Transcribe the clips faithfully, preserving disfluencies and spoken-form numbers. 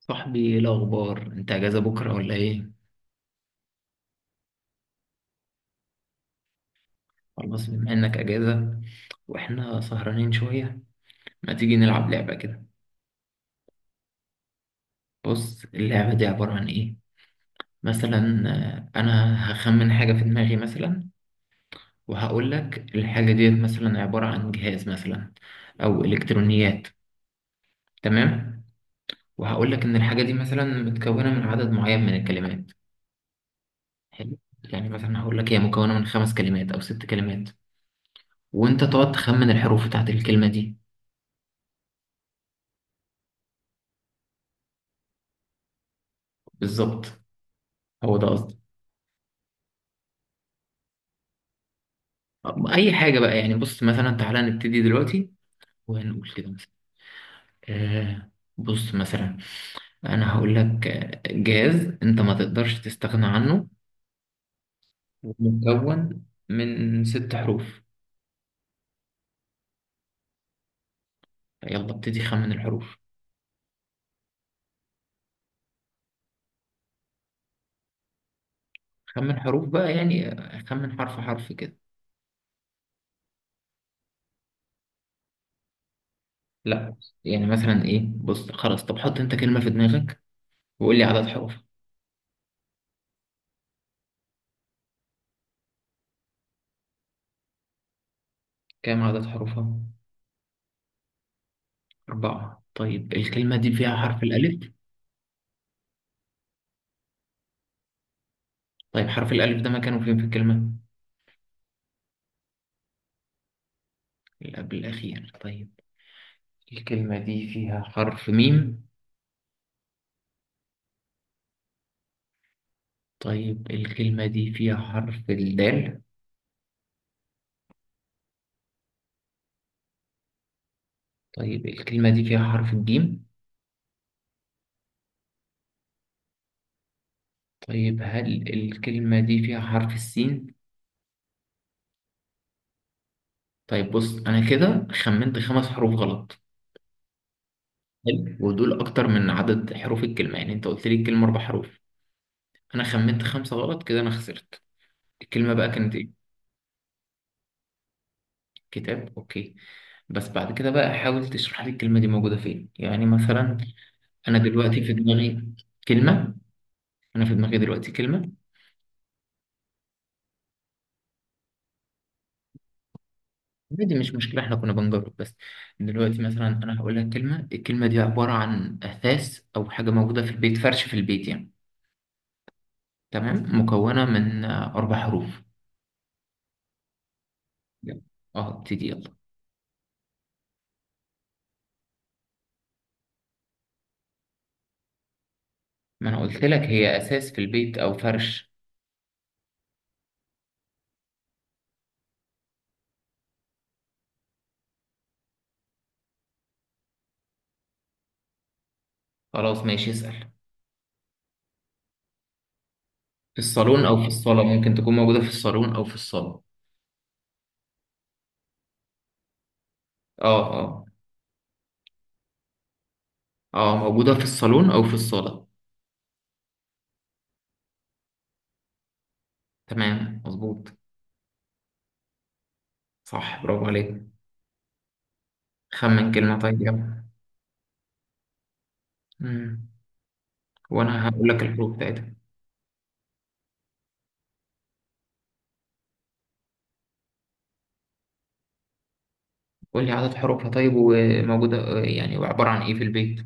صاحبي، ايه الاخبار؟ انت اجازه بكره ولا ايه؟ خلاص بما انك اجازه واحنا سهرانين شويه، ما تيجي نلعب لعبه كده؟ بص، اللعبه دي عباره عن ايه؟ مثلا، آه، انا هخمن حاجه في دماغي مثلا، وهقول لك الحاجه ديت مثلا عباره عن جهاز مثلا، او الكترونيات. تمام. وهقول لك ان الحاجه دي مثلا متكونه من عدد معين من الكلمات. حلو. يعني مثلا هقول لك هي مكونه من خمس كلمات او ست كلمات، وانت تقعد تخمن الحروف بتاعت الكلمه دي. بالظبط، هو ده قصدي. اي حاجه بقى يعني. بص، مثلا تعالى نبتدي دلوقتي وهنقول كده مثلا. آه، بص مثلا انا هقول لك، آه، جهاز انت ما تقدرش تستغنى عنه ومكون من ست حروف. يلا ابتدي خمن الحروف. خمن حروف بقى يعني، آه، خمن حرف حرف كده. لا. يعني مثلا ايه، بص خلاص. طب حط انت كلمه في دماغك وقول لي عدد حروفها. كام عدد حروفها؟ اربعه. طيب الكلمه دي فيها حرف الالف؟ طيب حرف الالف ده مكانه فين في الكلمه؟ اللي قبل الأخير. طيب الكلمة دي فيها حرف ميم؟ طيب الكلمة دي فيها حرف الدال؟ طيب الكلمة دي فيها حرف الجيم؟ طيب هل الكلمة دي فيها حرف السين؟ طيب بص، أنا كده خمنت خمس حروف غلط. حلو، ودول أكتر من عدد حروف الكلمة، يعني أنت قلت لي الكلمة أربع حروف، أنا خمنت خمسة غلط كده، أنا خسرت. الكلمة بقى كانت إيه؟ كتاب، أوكي. بس بعد كده بقى حاول تشرح لي الكلمة دي موجودة فين، يعني مثلا أنا دلوقتي في دماغي كلمة. انا في دماغي دلوقتي كلمه. عادي مش مشكله، احنا كنا بنجرب بس. دلوقتي مثلا انا هقول لك كلمه. الكلمه دي عباره عن اثاث او حاجه موجوده في البيت، فرش في البيت يعني. تمام. مكونه من آه، اربع حروف. يلا. اه ابتدي يلا. ما انا قلت لك هي اساس في البيت او فرش. خلاص ماشي، اسال. في الصالون او في الصاله، ممكن تكون موجوده في الصالون او في الصاله. اه اه. اه موجوده في الصالون او في الصاله. تمام مظبوط. صح، برافو عليك. خمن كلمه طيب، يلا. مم. وانا هقول لك الحروف بتاعتها. قول لي عدد حروفها طيب، وموجودة يعني وعبارة عن إيه في البيت؟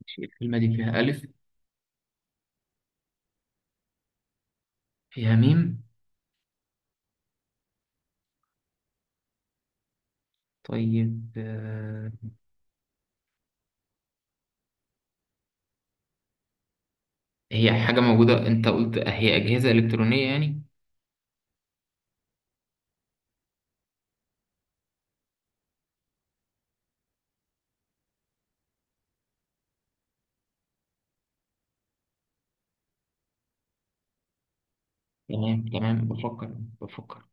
ماشي، الكلمة دي فيها ألف. فيها ميم؟ طيب، آه، هي حاجة موجودة، أنت قلت هي أجهزة إلكترونية يعني؟ تمام تمام، بفكر. بفكر.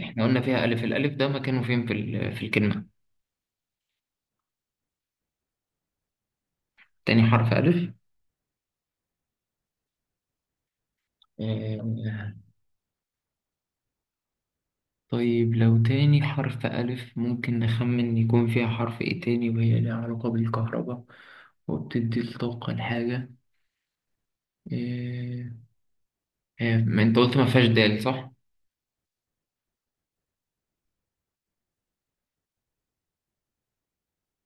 إحنا قلنا فيها ألف، الألف ده مكانه فين في ال- في الكلمة؟ تاني حرف ألف. آه، طيب لو تاني حرف ألف ممكن نخمن يكون فيها حرف إيه تاني، وهي ليها علاقة بالكهرباء وبتدي الطاقة لحاجة. آه، آه، ما أنت قلت ما فيهاش دال صح؟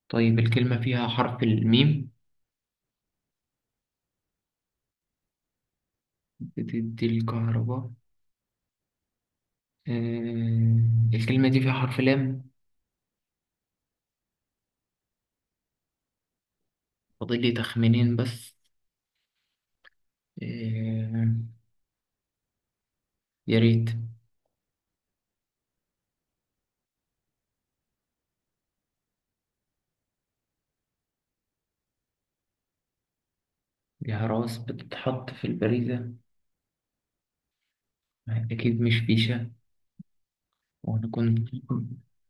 طيب الكلمة فيها حرف الميم؟ بتدي الكهرباء. آه، الكلمة دي فيها حرف لام؟ فاضل لي تخمينين بس. آه. يا ريت. ليها راس بتتحط في البريزة. أكيد مش فيشة. وأنا كنت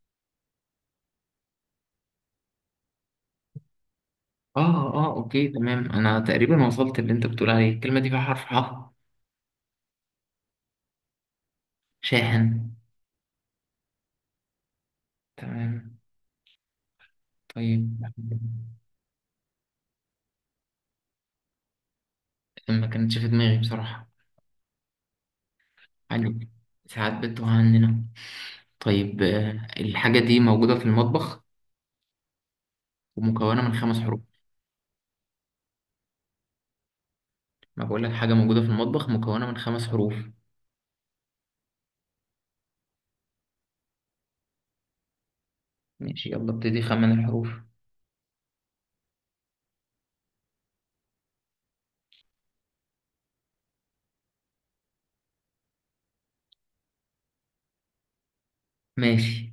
آه آه أوكي تمام، أنا تقريبا وصلت اللي أنت بتقول عليه. الكلمة دي فيها حرف ح؟ شاحن. تمام طيب. ما كانتش في دماغي بصراحة، يعني ساعات بتوه عننا. طيب، آه، الحاجة دي موجودة في المطبخ ومكونة من خمس حروف. ما بقول لك حاجة موجودة في المطبخ مكونة من خمس حروف. ماشي، يلا ابتدي خمن الحروف. ماشي.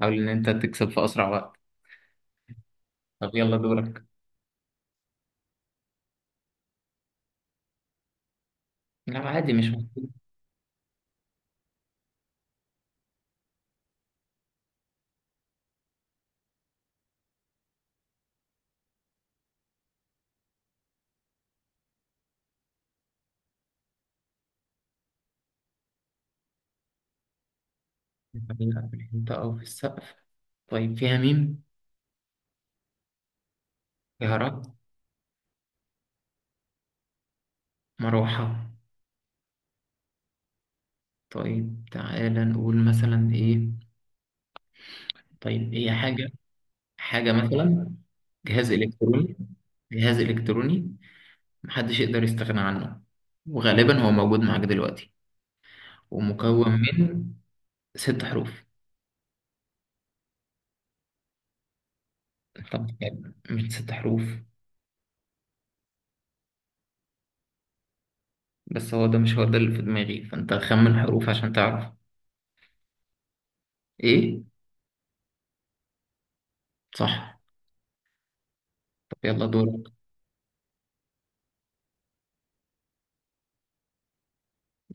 حاول إن أنت تكسب في أسرع وقت. طب يلا دورك. لا عادي، مش مشكلة. لا، أنت أو في السقف. طيب فيها ميم؟ فيها را؟ مروحة. طيب تعالى نقول مثلا إيه. طيب هي حاجة. حاجة مثلا، جهاز إلكتروني. جهاز إلكتروني محدش يقدر يستغنى عنه، وغالبا هو موجود معاك دلوقتي، ومكون من ست حروف. طب يعني مش ست حروف. بس هو ده مش هو ده اللي في دماغي، فانت خمن حروف عشان تعرف. ايه؟ صح. طب يلا دورك.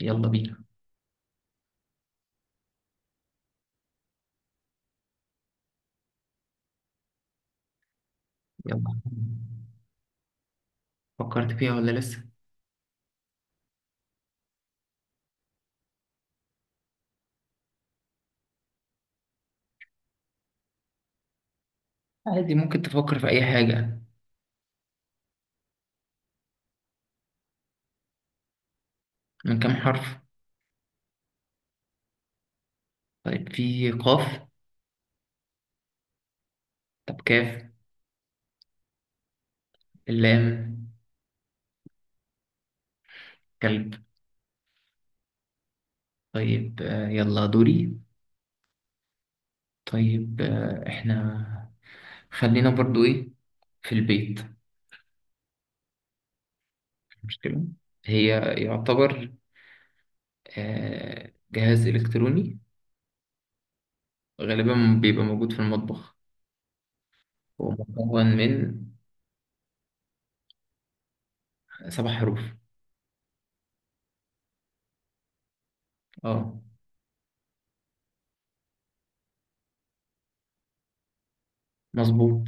يلا بينا. يلا. فكرت فيها ولا لسه؟ عادي، ممكن تفكر في اي حاجة. من كام حرف؟ طيب في قاف؟ طب كاف؟ اللام؟ كلب. طيب، آه، يلا دوري. طيب آه، احنا خلينا برضو ايه في البيت، مش مشكلة. هي يعتبر آه، جهاز إلكتروني غالبا بيبقى موجود في المطبخ، هو مكون من سبع حروف. اه مظبوط.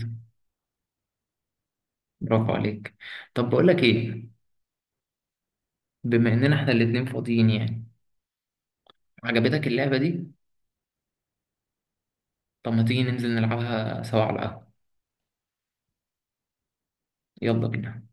برافو عليك. طب بقول لك ايه؟ بما اننا احنا الاتنين فاضيين يعني، عجبتك اللعبة دي؟ طب ما تيجي ننزل نلعبها سوا على القهوة؟ يلا بينا.